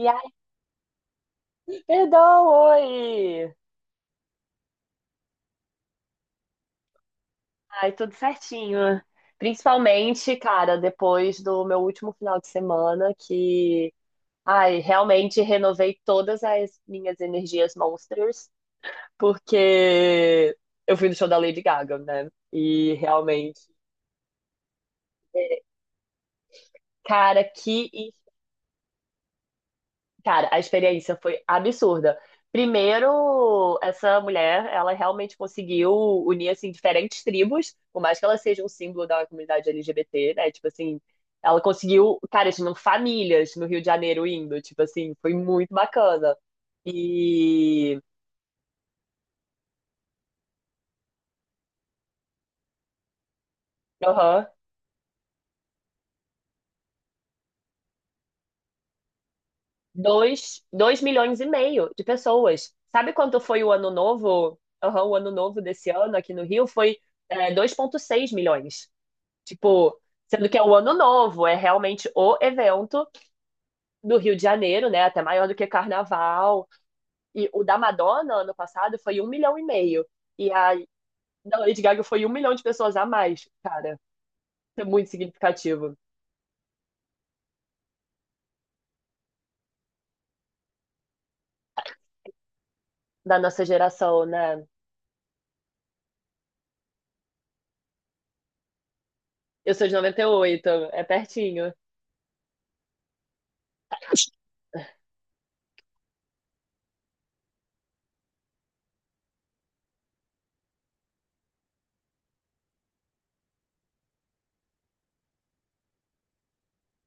E aí, perdão, oi! Ai, tudo certinho. Principalmente, cara, depois do meu último final de semana, que, ai, realmente renovei todas as minhas energias monsters, porque eu fui no show da Lady Gaga, né? E realmente, cara. Que Cara, a experiência foi absurda. Primeiro, essa mulher, ela realmente conseguiu unir, assim, diferentes tribos, por mais que ela seja um símbolo da comunidade LGBT, né? Tipo assim, ela conseguiu, cara, tinham famílias no Rio de Janeiro indo, tipo assim, foi muito bacana. E, aham, dois milhões e meio de pessoas. Sabe quanto foi o ano novo? Aham, o ano novo desse ano aqui no Rio foi, 2,6 milhões. Tipo, sendo que é o Ano Novo, é realmente o evento do Rio de Janeiro, né? Até maior do que Carnaval. E o da Madonna, ano passado, foi 1,5 milhão. E a da Lady Gaga foi 1 milhão de pessoas a mais, cara. É muito significativo da nossa geração, né? Eu sou de 98, é pertinho.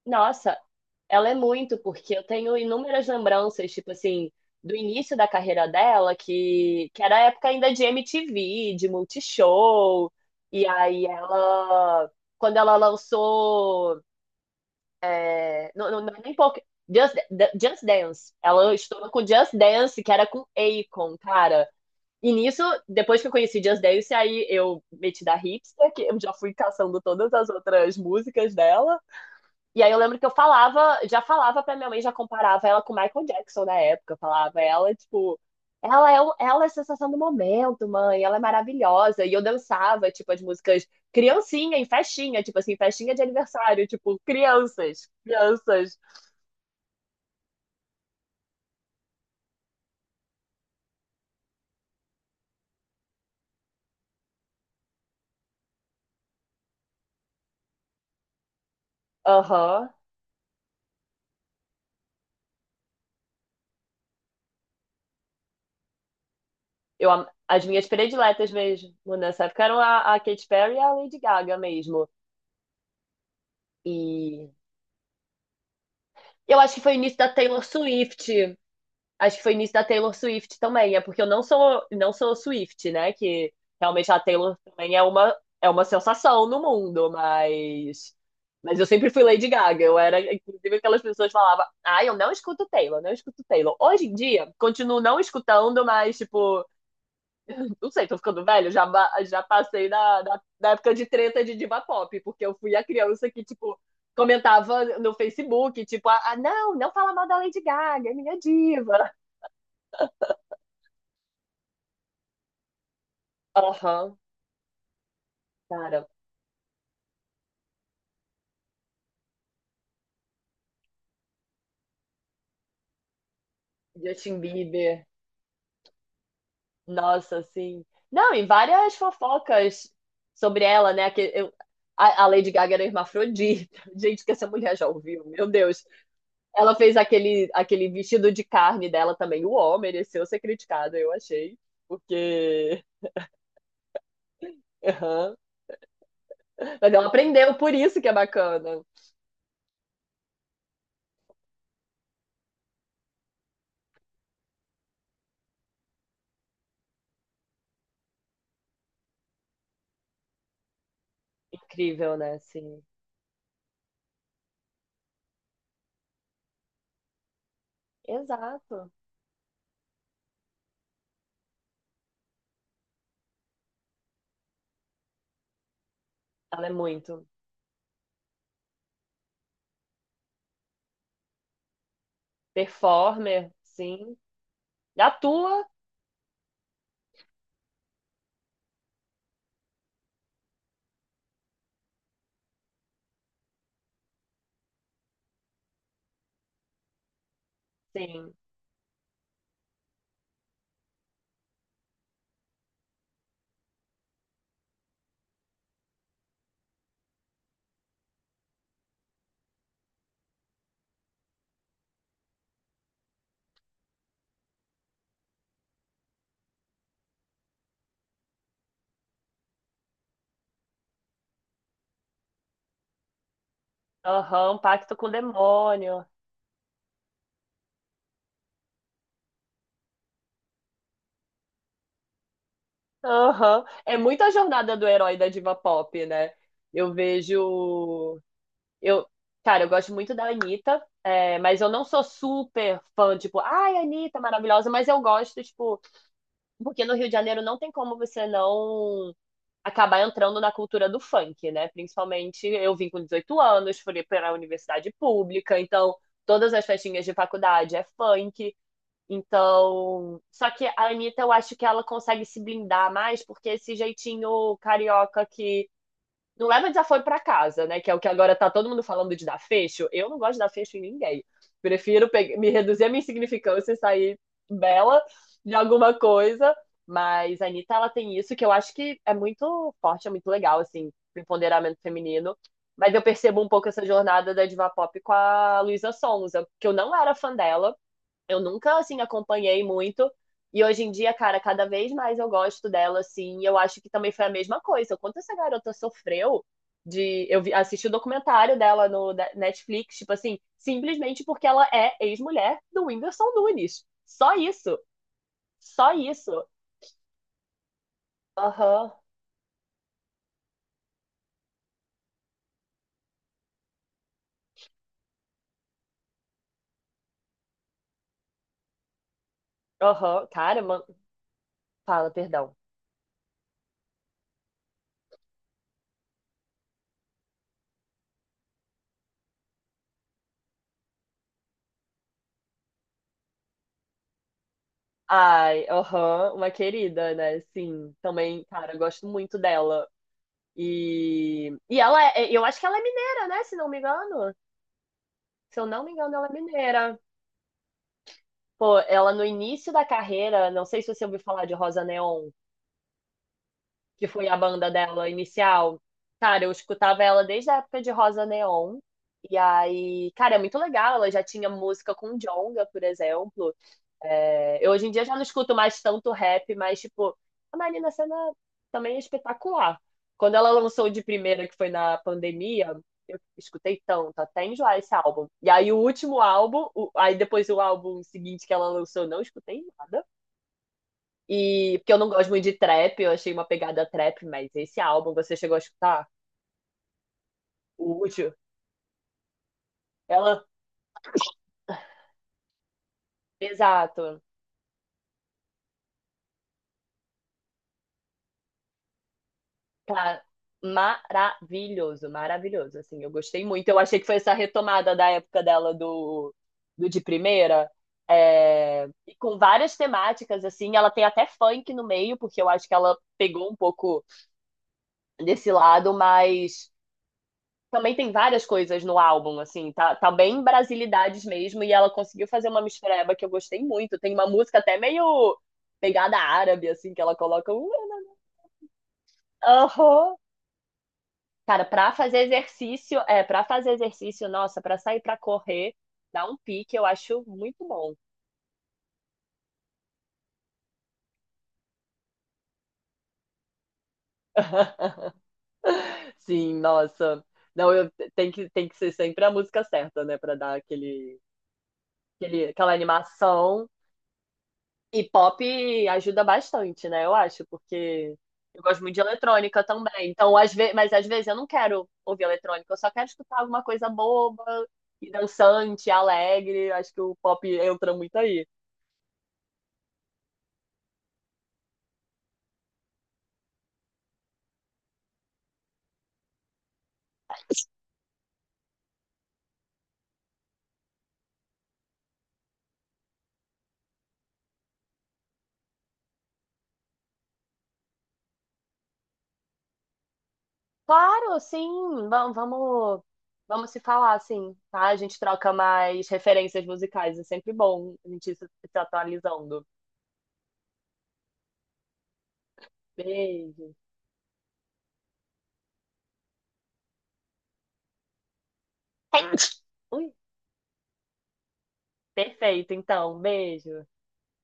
Nossa, ela é muito, porque eu tenho inúmeras lembranças, tipo assim, do início da carreira dela, que era a época ainda de MTV, de Multishow, e aí ela, quando ela lançou, não é nem pouco, Just Dance, ela estourou com Just Dance, que era com Akon, cara. E nisso, depois que eu conheci Just Dance, aí eu meti da hipster, que eu já fui caçando todas as outras músicas dela, e aí eu lembro que eu falava, já falava pra minha mãe, já comparava ela com o Michael Jackson na época. Eu falava ela, tipo, ela é a sensação do momento, mãe, ela é maravilhosa. E eu dançava, tipo, as músicas criancinha em festinha, tipo assim, festinha de aniversário, tipo, crianças, crianças. Aham. As minhas prediletas mesmo né, nessa época eram a Katy Perry e a Lady Gaga mesmo. E eu acho que foi o início da Taylor Swift. Acho que foi nisso da Taylor Swift também. É porque eu não sou Swift, né? Que realmente a Taylor também é uma sensação no mundo, mas. Mas eu sempre fui Lady Gaga. Eu era, inclusive, aquelas pessoas que falavam: ah, eu não escuto Taylor, não escuto Taylor. Hoje em dia, continuo não escutando, mas, tipo, não sei, tô ficando velho. Já passei da época de treta de diva pop, porque eu fui a criança que, tipo, comentava no Facebook, tipo, ah, não, não fala mal da Lady Gaga, é minha diva. Aham. Cara, Justin Bieber, nossa, assim. Não, e várias fofocas sobre ela, né? A Lady Gaga era hermafrodita. Gente, que essa mulher já ouviu, meu Deus. Ela fez aquele, vestido de carne dela também. O homem mereceu ser criticado, eu achei. Porque. Aham. Mas ela aprendeu, por isso que é bacana. Incrível, né? Sim. Exato. Ela é muito. Performer, sim. Atua, sim. Aham, um pacto com o demônio. Aham. É muita jornada do herói da diva pop, né? Eu vejo. Eu... Cara, eu gosto muito da Anitta, mas eu não sou super fã, tipo, ai, Anitta, maravilhosa, mas eu gosto, tipo, porque no Rio de Janeiro não tem como você não acabar entrando na cultura do funk, né? Principalmente eu vim com 18 anos, fui para a universidade pública, então todas as festinhas de faculdade é funk. Então, só que a Anitta, eu acho que ela consegue se blindar mais, porque esse jeitinho carioca que não leva desaforo pra casa, né? Que é o que agora tá todo mundo falando de dar fecho. Eu não gosto de dar fecho em ninguém. Prefiro me reduzir a minha insignificância e sair bela de alguma coisa. Mas a Anitta, ela tem isso que eu acho que é muito forte, é muito legal, assim, pro empoderamento feminino. Mas eu percebo um pouco essa jornada da diva pop com a Luísa Sonza, que eu não era fã dela. Eu nunca, assim, acompanhei muito. E hoje em dia, cara, cada vez mais eu gosto dela, assim. E eu acho que também foi a mesma coisa. O quanto essa garota sofreu de. Assisti o documentário dela no Netflix, tipo assim, simplesmente porque ela é ex-mulher do Whindersson Nunes. Só isso. Só isso. Aham. Aham. Cara, mano. Fala, perdão. Ai, aham. Uma querida, né? Sim. Também, cara, eu gosto muito dela. E eu acho que ela é mineira, né? Se não me engano. Se eu não me engano, ela é mineira. Pô, ela no início da carreira, não sei se você ouviu falar de Rosa Neon, que foi a banda dela inicial. Cara, eu escutava ela desde a época de Rosa Neon. E aí, cara, é muito legal. Ela já tinha música com Djonga, por exemplo. É, eu hoje em dia já não escuto mais tanto rap, mas, tipo, a Marina Sena também é espetacular. Quando ela lançou o de primeira, que foi na pandemia, eu escutei tanto, até enjoar esse álbum. E aí o último álbum, aí depois o álbum seguinte que ela lançou, eu não escutei nada. E porque eu não gosto muito de trap, eu achei uma pegada trap, mas esse álbum você chegou a escutar? O último? Ela, Exato. Cara, maravilhoso, maravilhoso. Assim, eu gostei muito. Eu achei que foi essa retomada da época dela do, de primeira. E com várias temáticas, assim, ela tem até funk no meio, porque eu acho que ela pegou um pouco desse lado, mas também tem várias coisas no álbum, assim, tá bem brasilidades mesmo, e ela conseguiu fazer uma mistureba que eu gostei muito. Tem uma música até meio pegada árabe, assim, que ela coloca um Cara, pra fazer exercício, para fazer exercício, nossa, pra sair pra correr, dar um pique, eu acho muito bom. Sim, nossa. Não, eu tem que ser sempre a música certa, né, pra dar aquele, aquela animação. E pop ajuda bastante, né? Eu acho, porque eu gosto muito de eletrônica também. Então, às vezes, mas às vezes eu não quero ouvir eletrônica, eu só quero escutar alguma coisa boba e dançante, alegre. Acho que o pop entra muito aí. Claro, sim, vamos, vamos, vamos se falar, sim, tá? A gente troca mais referências musicais, é sempre bom a gente ir se atualizando. Beijo. Ui, perfeito, então, beijo.